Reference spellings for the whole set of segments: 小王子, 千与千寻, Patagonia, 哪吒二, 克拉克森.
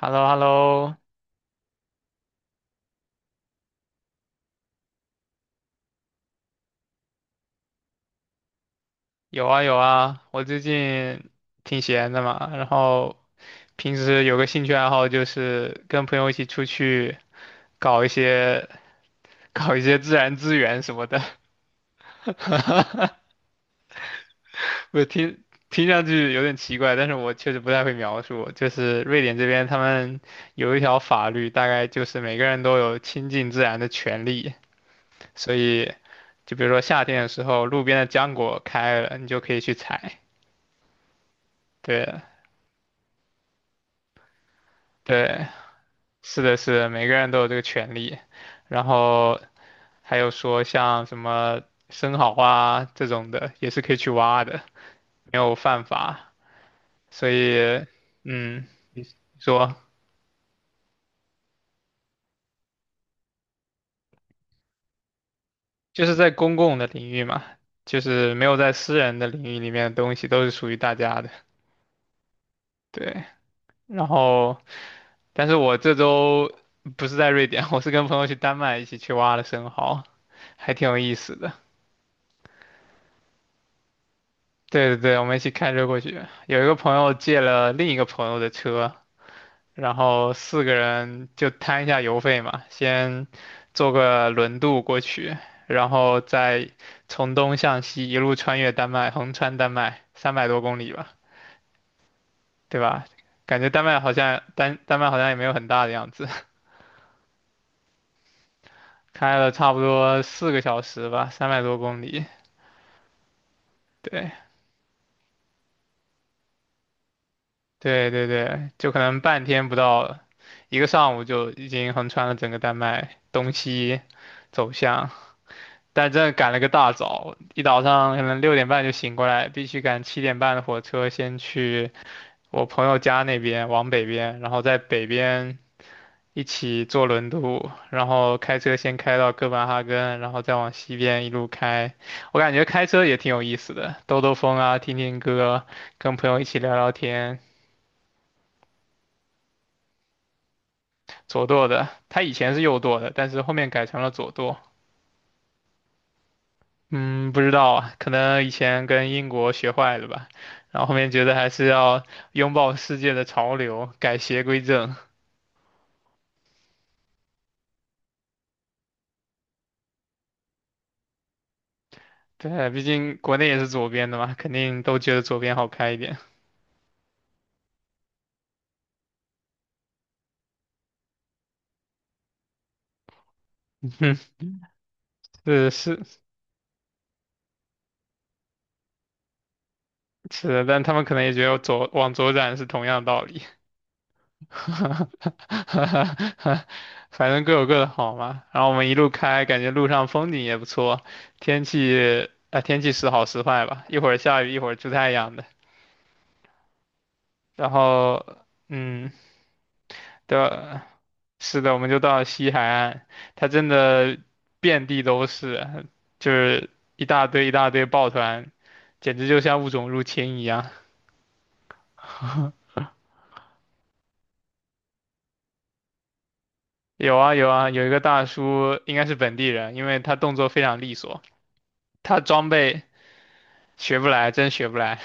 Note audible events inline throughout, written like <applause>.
h e l l o h e l l o 有啊有啊，我最近挺闲的嘛，然后平时有个兴趣爱好就是跟朋友一起出去搞一些搞一些自然资源什么的。<laughs> 我听听上去有点奇怪，但是我确实不太会描述。就是瑞典这边他们有一条法律，大概就是每个人都有亲近自然的权利，所以就比如说夏天的时候，路边的浆果开了，你就可以去采。对对。是的，是的，每个人都有这个权利。然后还有说像什么生蚝啊这种的，也是可以去挖的，没有犯法。所以，嗯，你说就是在公共的领域嘛，就是没有在私人的领域里面的东西都是属于大家的。对，然后但是我这周不是在瑞典，我是跟朋友去丹麦一起去挖的生蚝，还挺有意思的。对对对，我们一起开车过去。有一个朋友借了另一个朋友的车，然后四个人就摊一下油费嘛，先坐个轮渡过去，然后再从东向西一路穿越丹麦，横穿丹麦，三百多公里吧，对吧？感觉丹麦好像也没有很大的样子，<laughs> 开了差不多4个小时吧，三百多公里。对对对对，就可能半天不到，一个上午就已经横穿了整个丹麦东西走向，但真的赶了个大早，一早上可能6点半就醒过来，必须赶7点半的火车先去我朋友家那边往北边，然后在北边一起坐轮渡，然后开车先开到哥本哈根，然后再往西边一路开。我感觉开车也挺有意思的，兜兜风啊，听听歌，跟朋友一起聊聊天。左舵的，他以前是右舵的，但是后面改成了左舵。嗯，不知道啊，可能以前跟英国学坏了吧，然后后面觉得还是要拥抱世界的潮流，改邪归正。对，毕竟国内也是左边的嘛，肯定都觉得左边好开一点。<laughs> 嗯，是是是的，但他们可能也觉得左往左转是同样道理。<laughs> 反正各有各的好嘛。然后我们一路开，感觉路上风景也不错，天气啊、天气时好时坏吧，一会儿下雨，一会儿出太阳的。然后。嗯，对，是的，我们就到了西海岸，它真的遍地都是，就是一大堆一大堆抱团，简直就像物种入侵一样。有啊有啊，有一个大叔应该是本地人，因为他动作非常利索，他装备学不来，真学不来。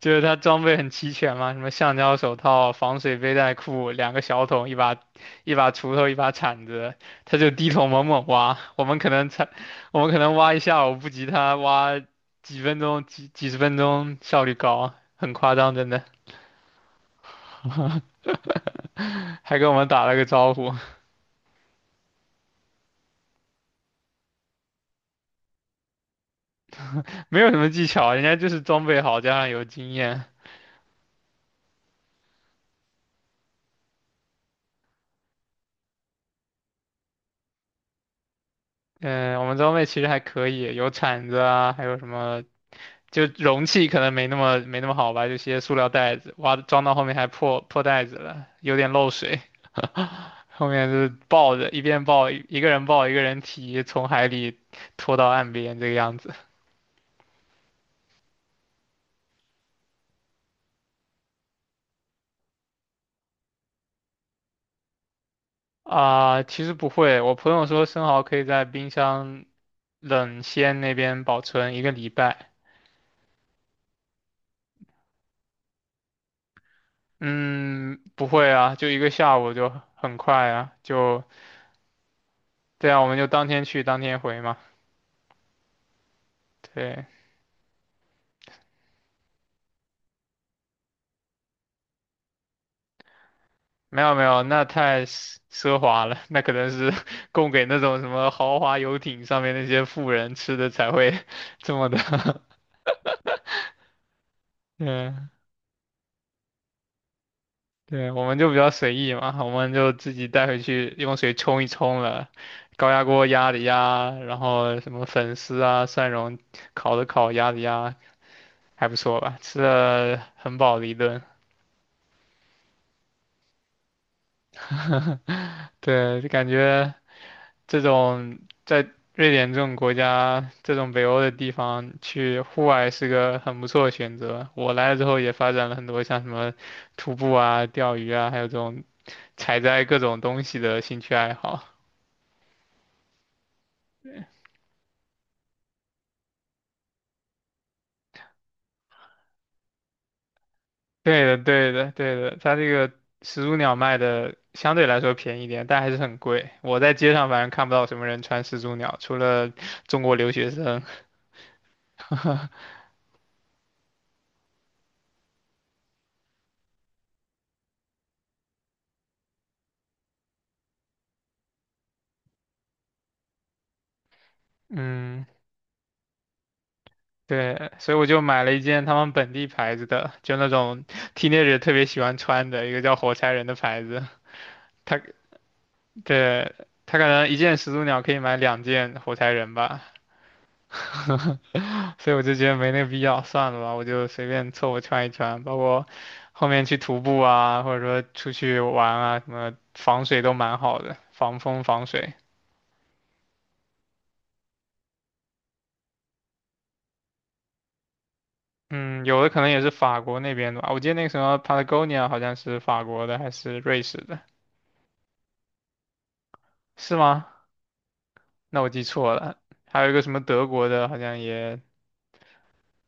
就是他装备很齐全嘛，什么橡胶手套、防水背带裤、两个小桶、一把锄头、一把铲子，他就低头猛猛挖。<laughs> 我们可能挖一下午不及他挖几分钟、几几十分钟，效率高，很夸张，真的。<laughs> 还跟我们打了个招呼，<laughs> 没有什么技巧，人家就是装备好加上有经验。嗯，我们装备其实还可以，有铲子啊，还有什么就容器可能没那么好吧，就些塑料袋子，哇，装到后面还破袋子了，有点漏水，<laughs> 后面就是抱着一边抱一个人抱一个人提，从海里拖到岸边这个样子。啊、其实不会，我朋友说生蚝可以在冰箱冷鲜那边保存一个礼拜。嗯，不会啊，就一个下午就很快啊，对啊，我们就当天去当天回嘛。对，没有没有，那太奢华了，那可能是 <laughs> 供给那种什么豪华游艇上面那些富人吃的才会 <laughs> 这么的。<laughs> 嗯，对，我们就比较随意嘛，我们就自己带回去用水冲一冲了，高压锅压的压，然后什么粉丝啊、蒜蓉烤的烤、压的压，还不错吧，吃的很饱的一顿。对，就感觉这种在瑞典这种国家，这种北欧的地方去户外是个很不错的选择。我来了之后也发展了很多像什么徒步啊、钓鱼啊，还有这种采摘各种东西的兴趣爱好。对的，对的，对的，它这个始祖鸟卖的相对来说便宜一点，但还是很贵。我在街上反正看不到什么人穿始祖鸟，除了中国留学生。嗯。对，所以我就买了一件他们本地牌子的，就那种 teenager 特别喜欢穿的一个叫火柴人的牌子。他，对，他可能一件始祖鸟可以买两件火柴人吧，所以我就觉得没那个必要，算了吧，我就随便凑合穿一穿，包括后面去徒步啊，或者说出去玩啊，什么防水都蛮好的，防风防水。嗯，有的可能也是法国那边的吧，我记得那个什么 Patagonia 好像是法国的还是瑞士的，是吗？那我记错了，还有一个什么德国的，好像也，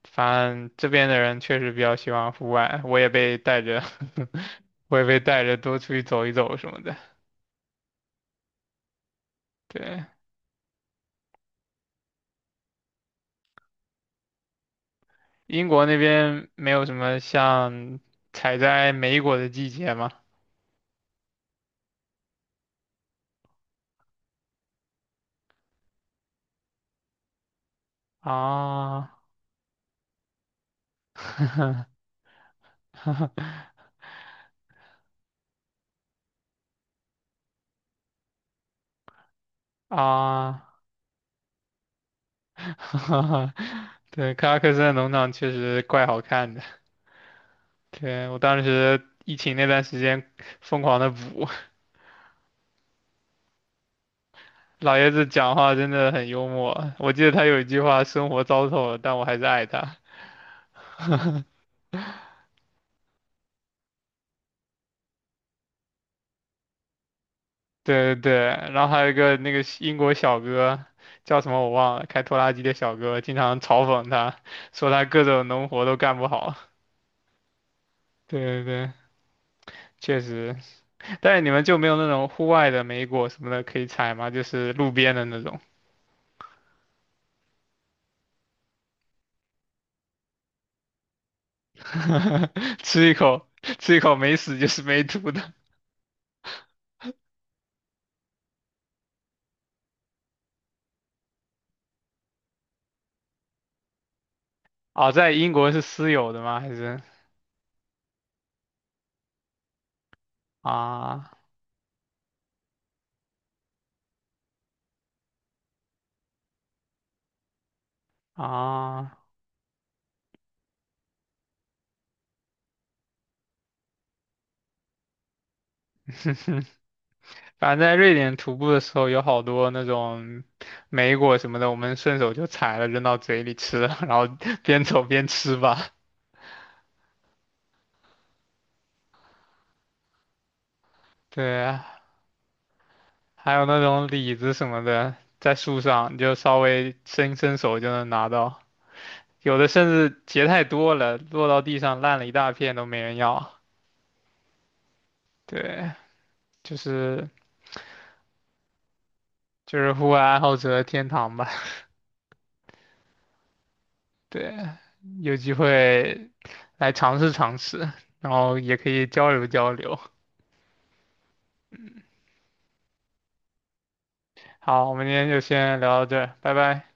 反正这边的人确实比较喜欢户外，我也被带着，<laughs> 我也被带着多出去走一走什么的。对，英国那边没有什么像采摘莓果的季节吗？啊啊，<laughs> 对，克拉克森的农场确实怪好看的。对，我当时疫情那段时间疯狂的补，<laughs> 老爷子讲话真的很幽默，我记得他有一句话："生活糟透了，但我还是爱他。"对对对，然后还有一个那个英国小哥叫什么我忘了，开拖拉机的小哥经常嘲讽他，说他各种农活都干不好。对对对，确实。但是你们就没有那种户外的莓果什么的可以采吗？就是路边的那种，<laughs> 吃一口吃一口没死就是没吐的。哦，在英国是私有的吗？还是啊啊？反正在瑞典徒步的时候，有好多那种莓果什么的，我们顺手就采了扔到嘴里吃，然后 <laughs> 边走边吃吧。对啊，还有那种李子什么的，在树上你就稍微伸伸手就能拿到，有的甚至结太多了，落到地上烂了一大片都没人要。对，就是就是户外爱好者的天堂吧。对，有机会来尝试尝试，然后也可以交流交流。好，我们今天就先聊到这儿，拜拜。